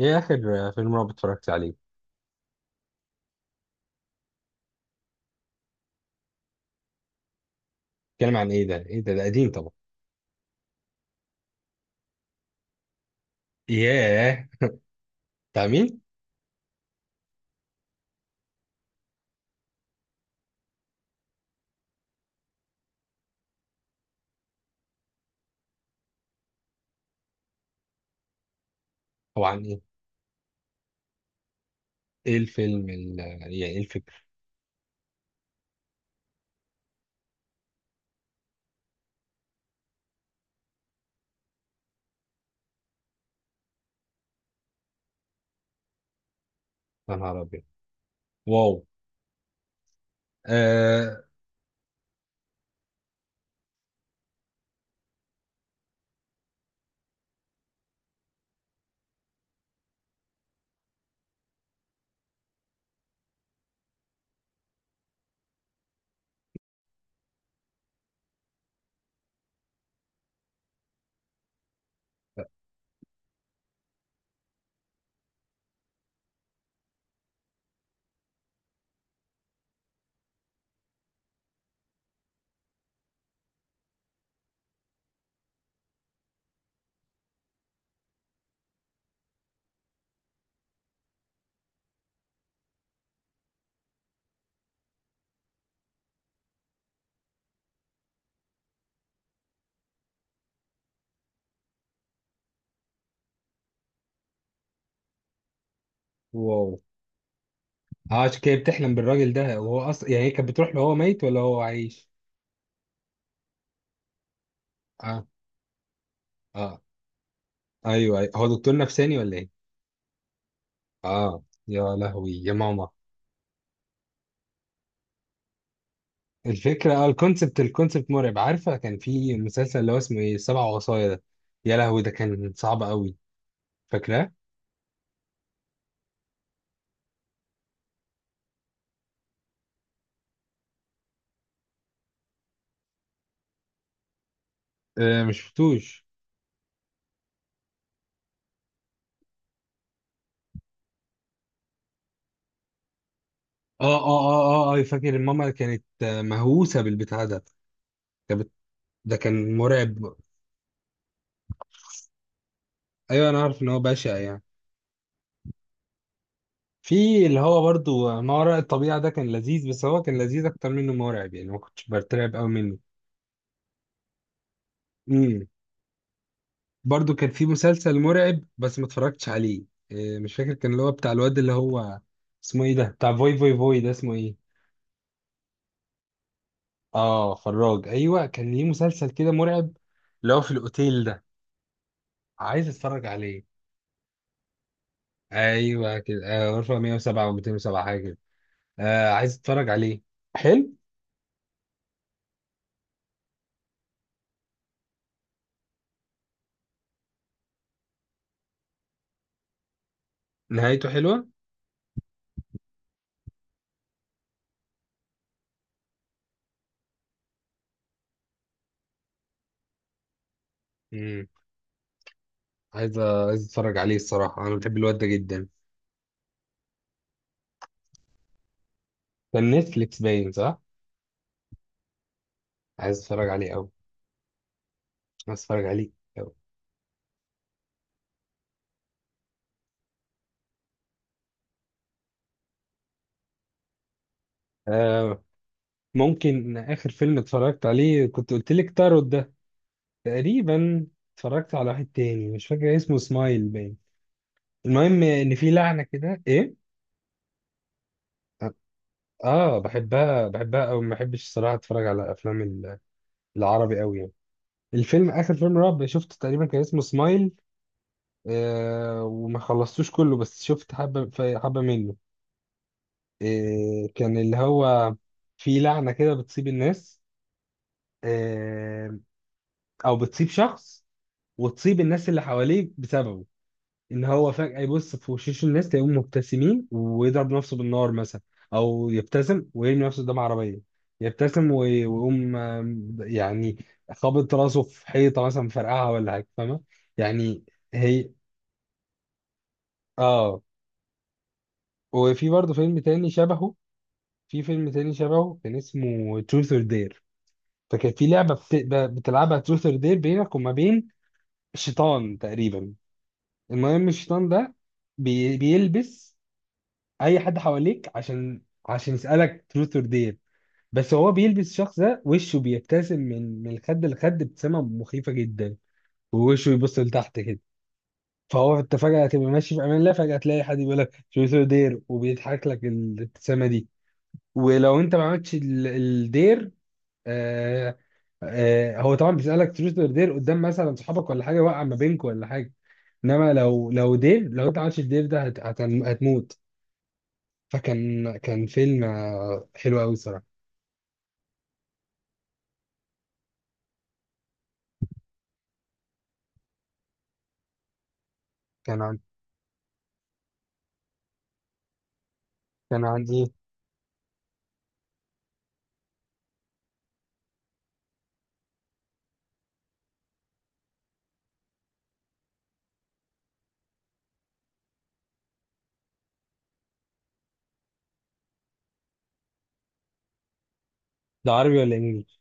ايه اخر فيلم رعب اتفرجت عليه؟ اتكلم عن ايه ده؟ ايه ده قديم طبعا. ياه. بتاع مين؟ هو عن ايه؟ ايه الفيلم يعني ايه الفكرة؟ يا نهار ابيض. واو. آه. واو. اه، عشان كده بتحلم بالراجل ده، وهو اصلا، يعني، هي كانت بتروح له، هو ميت ولا هو عايش؟ اه، اه، ايوه، أيوة. هو دكتور نفساني ولا ايه؟ اه، يا لهوي يا ماما. الفكرة، الكونسبت مرعب. عارفة كان في مسلسل اللي هو اسمه ايه؟ السبع وصايا ده؟ يا لهوي، ده كان صعب قوي. فاكراه؟ آه، مش شفتوش. اه، اه، اه، اه، آه، أيوة، فاكر ماما كانت مهووسة بالبتاع ده. كانت بت- ده كان مرعب. ايوه، انا عارف ان هو بشع يعني. في اللي هو برضو ما وراء الطبيعة ده كان لذيذ، بس هو كان لذيذ اكتر منه مرعب يعني، ما كنتش برتعب قوي منه. امم. برضو كان في مسلسل مرعب بس ما اتفرجتش عليه. آه، مش فاكر. كان اللي هو بتاع الواد اللي هو اسمه ايه ده؟ بتاع فوي فوي فوي ده اسمه ايه؟ اه، فراج، ايوه. كان ليه مسلسل كده مرعب، اللي هو في الاوتيل ده. عايز اتفرج عليه. ايوه كده، غرفة 107 و207 حاجة كده. آه، عايز اتفرج عليه. حلو. نهايته حلوة؟ امم. عايز اتفرج عليه الصراحة. انا بحب الواد ده جدا. كان نتفليكس باين، صح؟ عايز اتفرج عليه قوي. عايز اتفرج عليه قوي. آه، ممكن اخر فيلم اتفرجت عليه كنت قلت لك تاروت ده، تقريبا. اتفرجت على واحد تاني مش فاكر اسمه، سمايل باين. المهم، ان في لعنة كده، ايه. اه، آه، بحبها بحبها او ما بحبش الصراحة. اتفرج على افلام العربي قوي يعني. الفيلم، اخر فيلم رعب شفته تقريبا كان اسمه سمايل. آه، وما خلصتوش كله، بس شفت حبه حبه منه. آه، كان اللي هو في لعنه كده بتصيب الناس. آه، او بتصيب شخص، وتصيب الناس اللي حواليه بسببه. ان هو فجاه يبص في وشوش الناس تلاقيهم مبتسمين، ويضرب نفسه بالنار مثلا. او يبتسم ويرمي نفسه قدام عربيه. يبتسم ويقوم يعني، خابط راسه في حيطه مثلا، مفرقعها ولا حاجه، فاهمه يعني. هي، اه. وفي برضه فيلم تاني شبهه. في فيلم تاني شبهه كان اسمه تروث اور دير. فكان في لعبة بتلعبها، تروث اور دير بينك وما بين شيطان تقريبا. المهم الشيطان ده بيلبس اي حد حواليك، عشان يسألك تروث اور دير. بس هو بيلبس الشخص ده، وشه بيبتسم من الخد لخد، ابتسامة مخيفة جدا. ووشه يبص لتحت كده. فهو، انت فجأة هتبقى ماشي في امان الله، فجأة تلاقي حد بيقول لك تروث اور دير وبيضحك لك الابتسامة دي. ولو انت ما عملتش الدير، آه. آه، هو طبعا بيسألك تروث اور دير قدام مثلا صحابك ولا حاجة، وقع ما بينكم ولا حاجة. انما لو انت ما عملتش الدير ده هتموت. فكان فيلم حلو قوي الصراحة. كان عن. كان عندي. ده عربي ولا انجليزي؟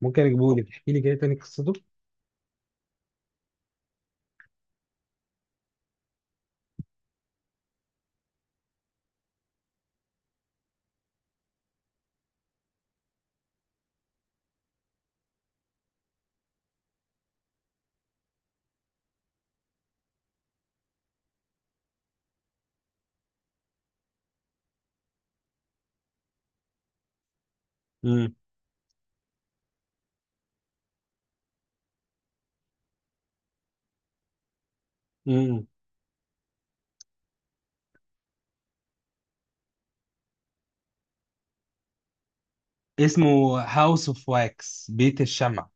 ممكن اجيبه لك. احكي لي كده تاني قصته. امم. امم. اسمه هاوس اوف واكس، بيت الشمع.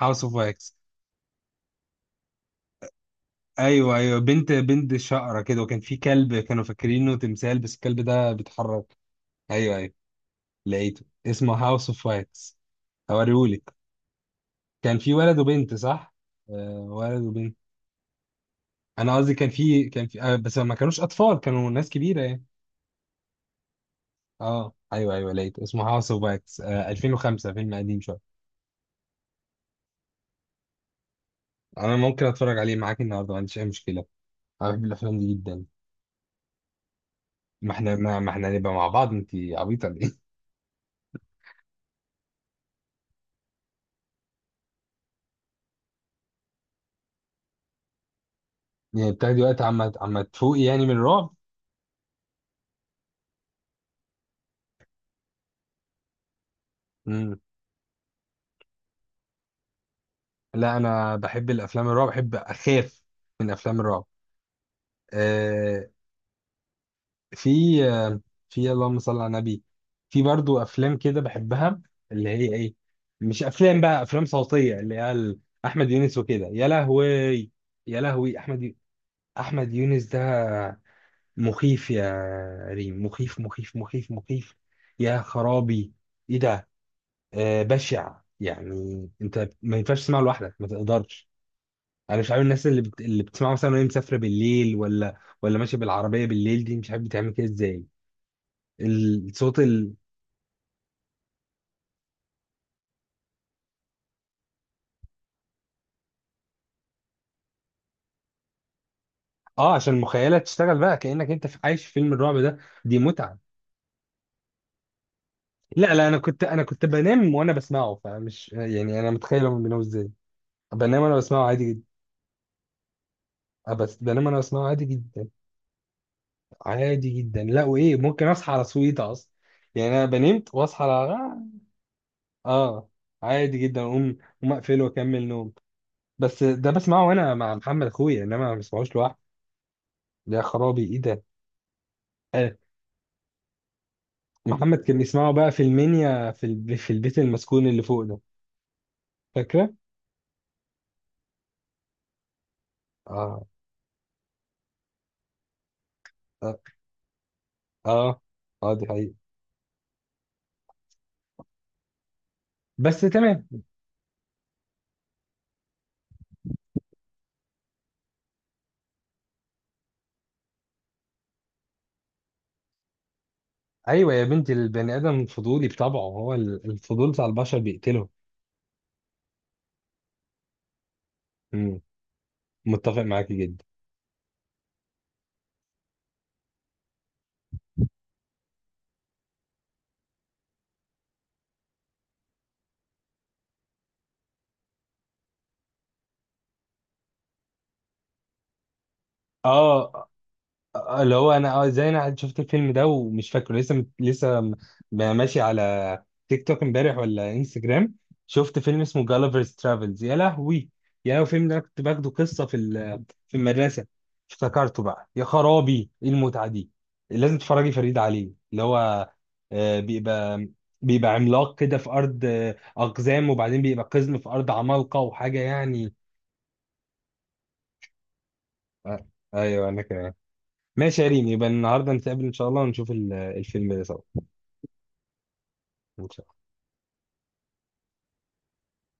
هاوس اوف واكس. ايوه، ايوه، بنت شقرة كده، وكان في كلب كانوا فاكرينه تمثال بس الكلب ده بيتحرك. ايوه، ايوه، لقيته اسمه هاوس اوف واكس. هوريهولك. كان في ولد وبنت، صح؟ آه، ولد وبنت. انا قصدي كان في بس ما كانوش اطفال، كانوا ناس كبيره يعني. اه، ايوه، ايوه، لقيته اسمه هاوس اوف واكس، 2005 فيلم قديم شويه. انا ممكن اتفرج عليه معاك النهارده، ما عنديش اي مشكله. انا بحب الافلام دي جدا. ما احنا هنبقى مع بعض، انت عبيطه ولا ايه؟ يعني بتاخدي وقت عما تفوقي يعني من الرعب؟ امم. لا، انا بحب الافلام الرعب، بحب اخاف من افلام الرعب. آه، في في اللهم صل على النبي، في برضو افلام كده بحبها، اللي هي ايه؟ مش افلام بقى، افلام صوتيه اللي هي احمد يونس وكده، يا لهوي. يا لهوي، احمد يونس ده مخيف، يا ريم، مخيف مخيف مخيف مخيف. يا خرابي، ايه ده. آه، بشع يعني. انت ما ينفعش تسمعه لوحدك، ما تقدرش. انا مش عارف الناس اللي اللي بتسمعه مثلا وهي مسافره بالليل، ولا ماشيه بالعربيه بالليل دي، مش عارف بتعمل كده ازاي. الصوت. اه، عشان المخيله تشتغل بقى، كانك انت عايش في فيلم الرعب ده. دي متعه. لا، لا، انا كنت بنام وانا بسمعه، فمش يعني انا متخيل هم بيناموا ازاي. بنام وانا بسمعه عادي جدا. آه، بس بنام وانا بسمعه عادي جدا. عادي جدا. لا وايه، ممكن اصحى على صويته اصلا. يعني انا بنمت واصحى على. اه، عادي جدا، اقوم اقفله واكمل نوم. بس ده بسمعه وانا مع محمد اخويا، انما ما بسمعوش لوحدي. يا خرابي، ايه ده. محمد كان بيسمعه بقى في المنيا، في البيت المسكون اللي فوق ده. فاكره؟ اه، اه، اه، آه، دي حقيقة. بس تمام. ايوه يا بنتي، البني ادم فضولي بطبعه، هو الفضول بتاع البشر بيقتله. مم. متفق معاكي جدا. اه، اللي هو انا زي انا قاعد شفت الفيلم ده ومش فاكره، ماشي على تيك توك امبارح ولا انستجرام. شفت فيلم اسمه جالفرز ترافلز. يا لهوي، يا لهوي الفيلم ده أنا كنت باخده قصه في المدرسه. افتكرته بقى، يا خرابي ايه المتعه دي. لازم تتفرجي فريد عليه، اللي هو آه، بيبقى بيبقى عملاق كده في ارض اقزام، وبعدين بيبقى قزم في ارض عمالقه وحاجه يعني. آه، ايوه، انا كده. ماشي يا ريم، يبقى النهارده نتقابل ان شاء الله ونشوف الفيلم ده سوا.